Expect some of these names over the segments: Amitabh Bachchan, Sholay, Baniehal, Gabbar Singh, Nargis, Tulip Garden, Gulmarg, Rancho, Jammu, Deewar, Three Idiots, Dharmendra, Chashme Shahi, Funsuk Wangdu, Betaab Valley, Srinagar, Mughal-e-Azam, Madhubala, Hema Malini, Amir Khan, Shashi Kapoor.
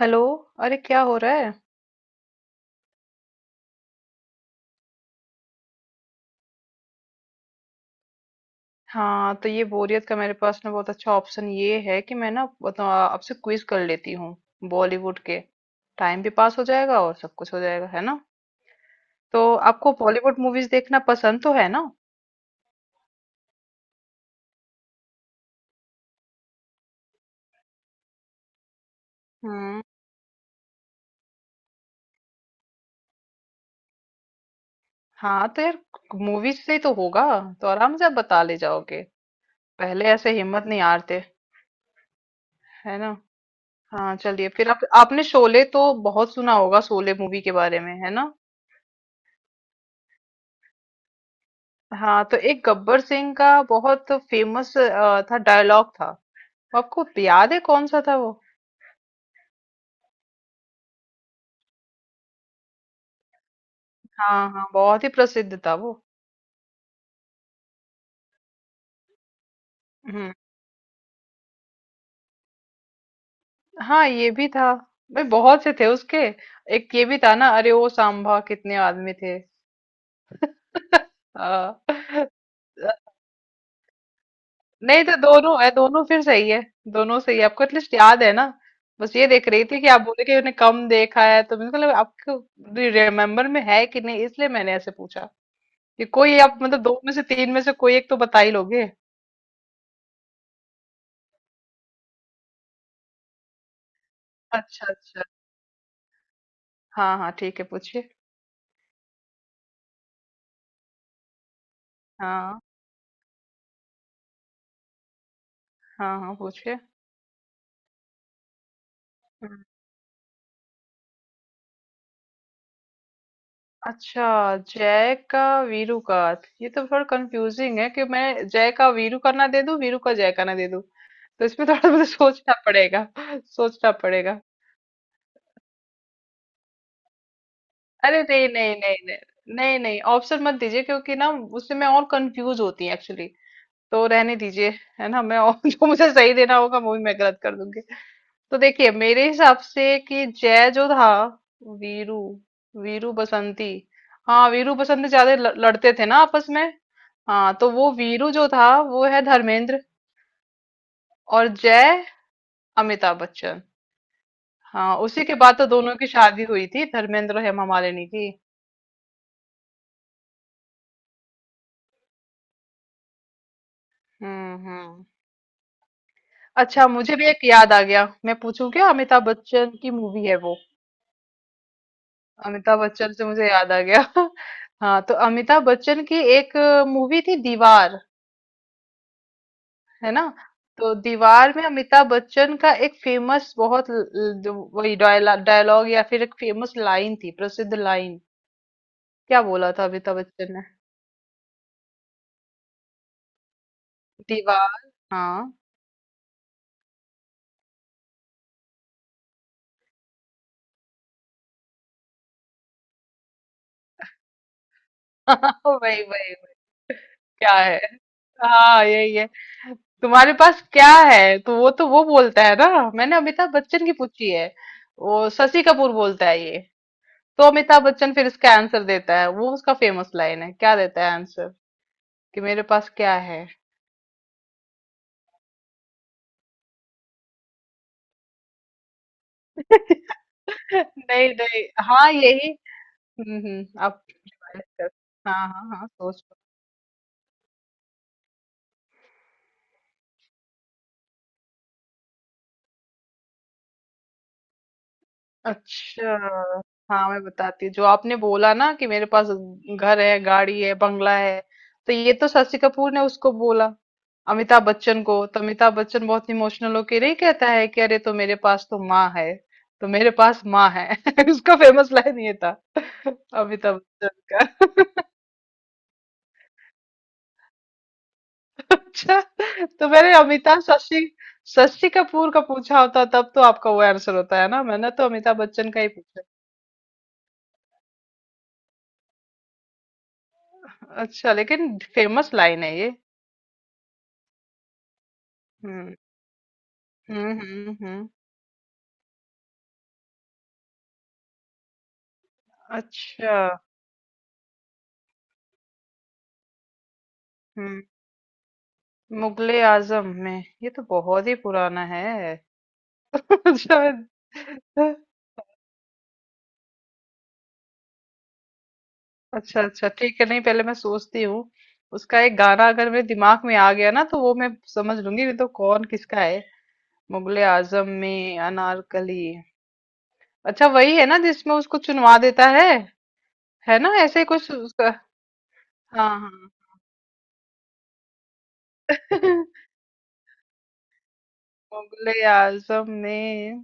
Hello. अरे क्या हो रहा है? हाँ तो ये बोरियत का मेरे पास ना बहुत अच्छा ऑप्शन ये है कि मैं ना आपसे क्विज कर लेती हूँ। बॉलीवुड के। टाइम भी पास हो जाएगा और सब कुछ हो जाएगा, है ना? तो आपको बॉलीवुड मूवीज देखना पसंद तो है ना? हम्म। हाँ तो यार, मूवीज से ही तो होगा। तो आराम से आप बता ले जाओगे। पहले ऐसे हिम्मत नहीं हारते, है ना? हाँ चलिए फिर आप आपने शोले तो बहुत सुना होगा, शोले मूवी के बारे में, है ना? हाँ तो एक गब्बर सिंह का बहुत फेमस था डायलॉग था। आपको याद है कौन सा था वो? हाँ, हाँ, बहुत ही प्रसिद्ध था वो। हम्म। हाँ, ये भी था। भाई, बहुत से थे उसके। एक ये भी था ना, अरे ओ सांभा कितने आदमी थे। हाँ। नहीं तो दोनों है, दोनों फिर सही है। दोनों सही है, आपको एटलीस्ट याद है ना? बस ये देख रही थी कि आप बोले कि उन्हें कम देखा है, तो मुझे लगा आपको रिमेम्बर में है कि नहीं, इसलिए मैंने ऐसे पूछा। ये कोई आप मतलब दो में से तीन में से कोई एक तो बता ही लोगे। अच्छा, अच्छा। हाँ, हाँ, ठीक है, पूछिए। हाँ, हाँ, हाँ, पूछिए। हम्म, अच्छा, जय का, वीरू का। ये तो थोड़ा कंफ्यूजिंग है कि मैं जय का वीरू का ना दे दूं, वीरू का जय का ना दे दूं। तो इसमें थोड़ा मुझे सोचना पड़ेगा। सोचना पड़ेगा। अरे नहीं, नहीं, नहीं, नहीं। नहीं, नहीं, ऑप्शन मत दीजिए क्योंकि ना। उससे मैं और कंफ्यूज होती हूँ, एक्चुअली। तो रहने दीजिए। है ना, मैं और जो मुझे सही देना होगा वो भी मैं गलत कर दूंगी। तो देखिए मेरे हिसाब से कि जय जो था। वीरू वीरू बसंती। हाँ वीरू बसंती ज्यादा लड़ते थे ना आपस में। हाँ तो वो वीरू जो था वो है धर्मेंद्र। और जय अमिताभ बच्चन। हाँ, उसी के बाद तो दोनों की शादी हुई थी धर्मेंद्र और हेमा मालिनी की। हम्म, हम्म। अच्छा मुझे भी एक याद आ गया, मैं पूछूं क्या? अमिताभ बच्चन की मूवी है वो। अमिताभ बच्चन से मुझे याद आ गया। हाँ तो अमिताभ बच्चन की एक मूवी थी दीवार। है ना? तो दीवार में अमिताभ बच्चन का एक फेमस बहुत जो वही डायलॉग या फिर एक फेमस लाइन थी, प्रसिद्ध लाइन। क्या बोला था अमिताभ बच्चन ने? दीवार। हाँ। वही, वही, वही। क्या है? हाँ, यही है। तुम्हारे पास क्या? है, तो वो बोलता है ना। मैंने अमिताभ बच्चन की पूछी है। वो शशि कपूर बोलता है ये। तो अमिताभ बच्चन फिर इसका आंसर देता है, वो उसका फेमस लाइन है, क्या देता है आंसर? कि मेरे पास क्या है? नहीं, नहीं। हाँ, यही। हुँ, हुँ। आप रिवाइज़ कर। हाँ, हाँ, हाँ, सोच लो। अच्छा, हाँ, मैं बताती हूँ। जो आपने बोला ना कि मेरे पास घर है, गाड़ी है, बंगला है, तो ये तो शशि कपूर ने उसको बोला, अमिताभ बच्चन को। तो अमिताभ बच्चन बहुत इमोशनल होके नहीं कहता है कि अरे तो मेरे पास तो माँ है, तो मेरे पास माँ है। उसका फेमस लाइन ये था, अमिताभ बच्चन का। अच्छा, तो मैंने अमिताभ शशि शशि कपूर का पूछा होता तब तो आपका वो आंसर होता है ना, मैंने तो अमिताभ बच्चन का ही पूछा। अच्छा, लेकिन फेमस लाइन है ये। हम्म, हम्म, हम्म, हम्म। अच्छा। हम्म। मुगले आजम में? ये तो बहुत ही पुराना है। शायद। अच्छा, अच्छा, ठीक है, नहीं पहले मैं सोचती हूँ। उसका एक गाना अगर मेरे दिमाग में आ गया ना तो वो मैं समझ लूंगी, नहीं तो कौन किसका है। मुगले आजम में अनारकली। अच्छा वही है ना जिसमें उसको चुनवा देता है? है ना, ऐसे कुछ उसका। हाँ, हाँ। मुगले आजम में।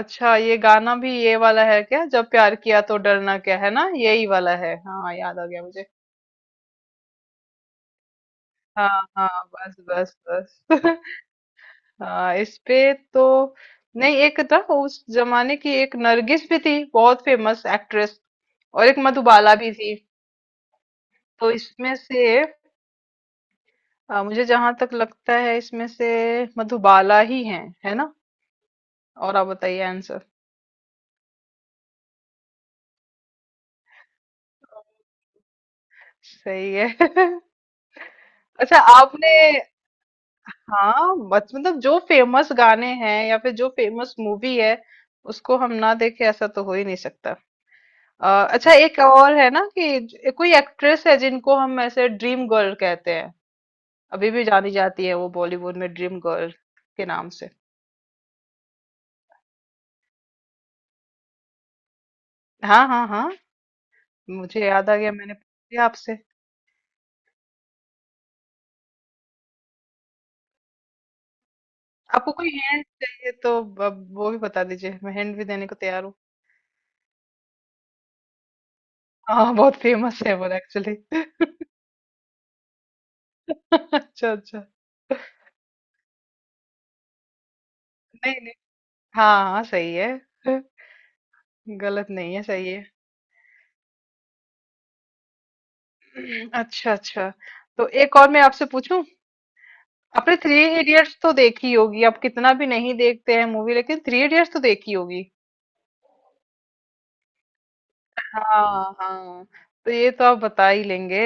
अच्छा, ये गाना भी ये वाला है क्या, जब प्यार किया तो डरना क्या, है ना? यही वाला है। हाँ, याद आ गया मुझे। हाँ, हाँ। बस, बस, बस। हाँ इस पे तो। नहीं एक था, उस जमाने की एक नरगिस भी थी, बहुत फेमस एक्ट्रेस। और एक मधुबाला भी थी। तो इसमें से। मुझे जहां तक लगता है इसमें से। मधुबाला ही है। है ना? और आप बताइए आंसर। सही है। अच्छा, आपने। हाँ मत, मतलब जो फेमस गाने हैं या फिर जो फेमस मूवी है, उसको हम ना देखे ऐसा तो हो ही नहीं सकता। अ, अच्छा एक और है ना कि कोई एक्ट्रेस है जिनको हम ऐसे ड्रीम गर्ल कहते हैं। अभी भी जानी जाती है वो बॉलीवुड में ड्रीम गर्ल के नाम से। हाँ, हाँ, हाँ। मुझे याद आ गया, मैंने पूछ लिया आपसे। आपको कोई हिंट चाहिए तो। अब वो भी बता दीजिए, मैं हिंट भी देने को तैयार हूँ। हाँ बहुत फेमस है वो एक्चुअली। अच्छा, अच्छा। नहीं, नहीं, हाँ, हाँ, सही है। गलत नहीं है, सही है। अच्छा, अच्छा। तो एक और मैं आपसे पूछूं। आपने थ्री इडियट्स तो देखी होगी, आप कितना भी नहीं देखते हैं मूवी, लेकिन थ्री इडियट्स तो देखी होगी। हाँ, हाँ। तो ये तो आप बता ही लेंगे।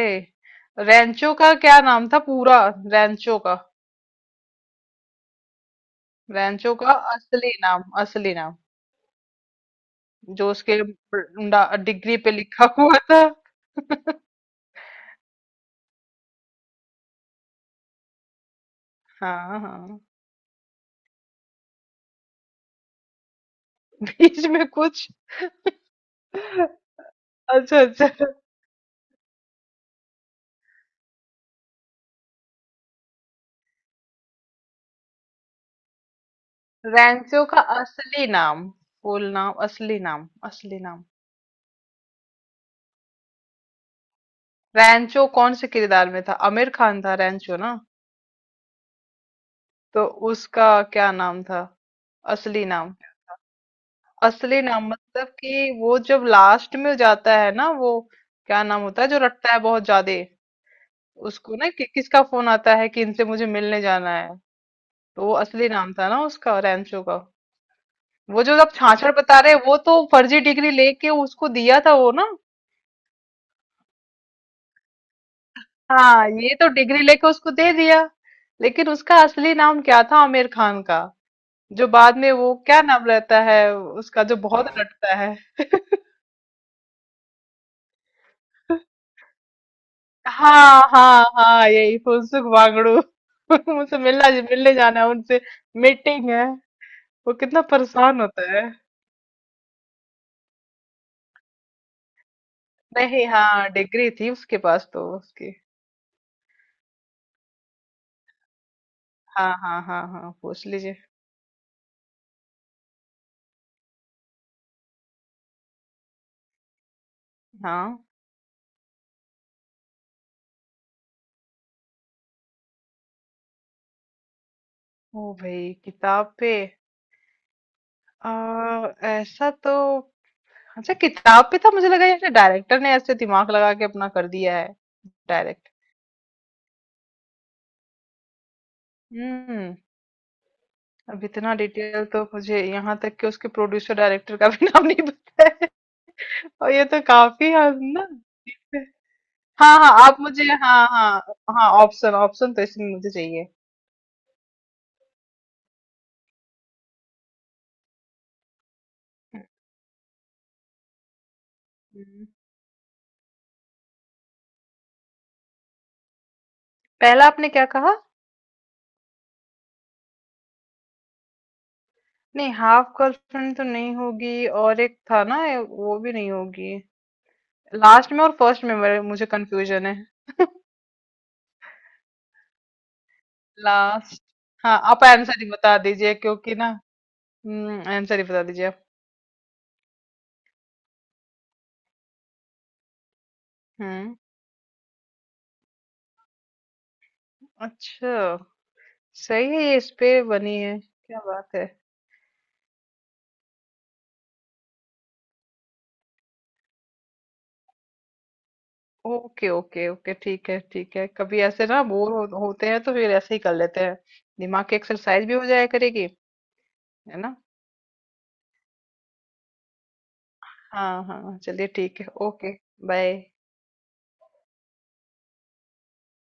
रैंचो का क्या नाम था पूरा? रैंचो का। रैंचो का असली नाम, असली नाम। जो उसके डिग्री पे लिखा हुआ था। हाँ, हाँ। बीच में कुछ। अच्छा, अच्छा। रैंचो का असली नाम, फुल नाम, असली नाम, असली नाम। रैंचो कौन से किरदार में था? आमिर खान था रैंचो ना? तो उसका क्या नाम था? असली नाम। असली नाम मतलब कि वो जब लास्ट में जाता है ना वो, क्या नाम होता है जो रटता है बहुत ज्यादा? उसको ना कि, किसका फोन आता है कि इनसे मुझे मिलने जाना है। तो वो असली नाम था ना उसका रैंचो का। वो जो आप छाछड़ बता रहे हैं, वो तो फर्जी डिग्री लेके उसको दिया था वो ना। हाँ ये तो डिग्री लेके उसको दे दिया। लेकिन उसका असली नाम क्या था आमिर खान का? जो बाद में वो क्या नाम रहता है उसका, जो बहुत रटता है। हाँ, हाँ, हाँ, यही फुनसुक वांगड़ू। मुझसे मिलना मिलने जाना है उनसे। मीटिंग है। वो कितना परेशान होता है। नहीं हाँ, डिग्री थी उसके पास तो, उसकी। हाँ, हाँ, हाँ, हाँ, पूछ लीजिए। हाँ। ओ भाई, किताब पे? आ, ऐसा तो। अच्छा, किताब पे था, मुझे लगा यार डायरेक्टर ने ऐसे दिमाग लगा के अपना कर दिया है। डायरेक्ट। हम्म। अब इतना डिटेल तो मुझे, यहाँ तक कि उसके प्रोड्यूसर डायरेक्टर का भी नाम नहीं पता है। और ये तो काफी हद ना। हाँ, हाँ, आप मुझे, हाँ, हाँ। हाँ, ऑप्शन, ऑप्शन तो इसमें मुझे चाहिए। हम्म, पहला आपने क्या कहा? नहीं हाफ गर्लफ्रेंड तो नहीं होगी, और एक था ना, वो भी नहीं होगी। लास्ट में और फर्स्ट में मुझे कंफ्यूजन है। लास्ट। हाँ आप आंसर ही बता दीजिए क्योंकि ना। हम्म, आंसर ही बता दीजिए आप। हम्म। अच्छा। सही है, ये इस पे बनी है, क्या बात है। ओके, ओके, ओके, ठीक है, ठीक है, कभी ऐसे ना बोर हो, होते हैं तो फिर ऐसे ही कर लेते हैं। दिमाग की एक्सरसाइज भी हो जाया करेगी। है ना? हाँ, हाँ, चलिए, ठीक है, ओके, बाय।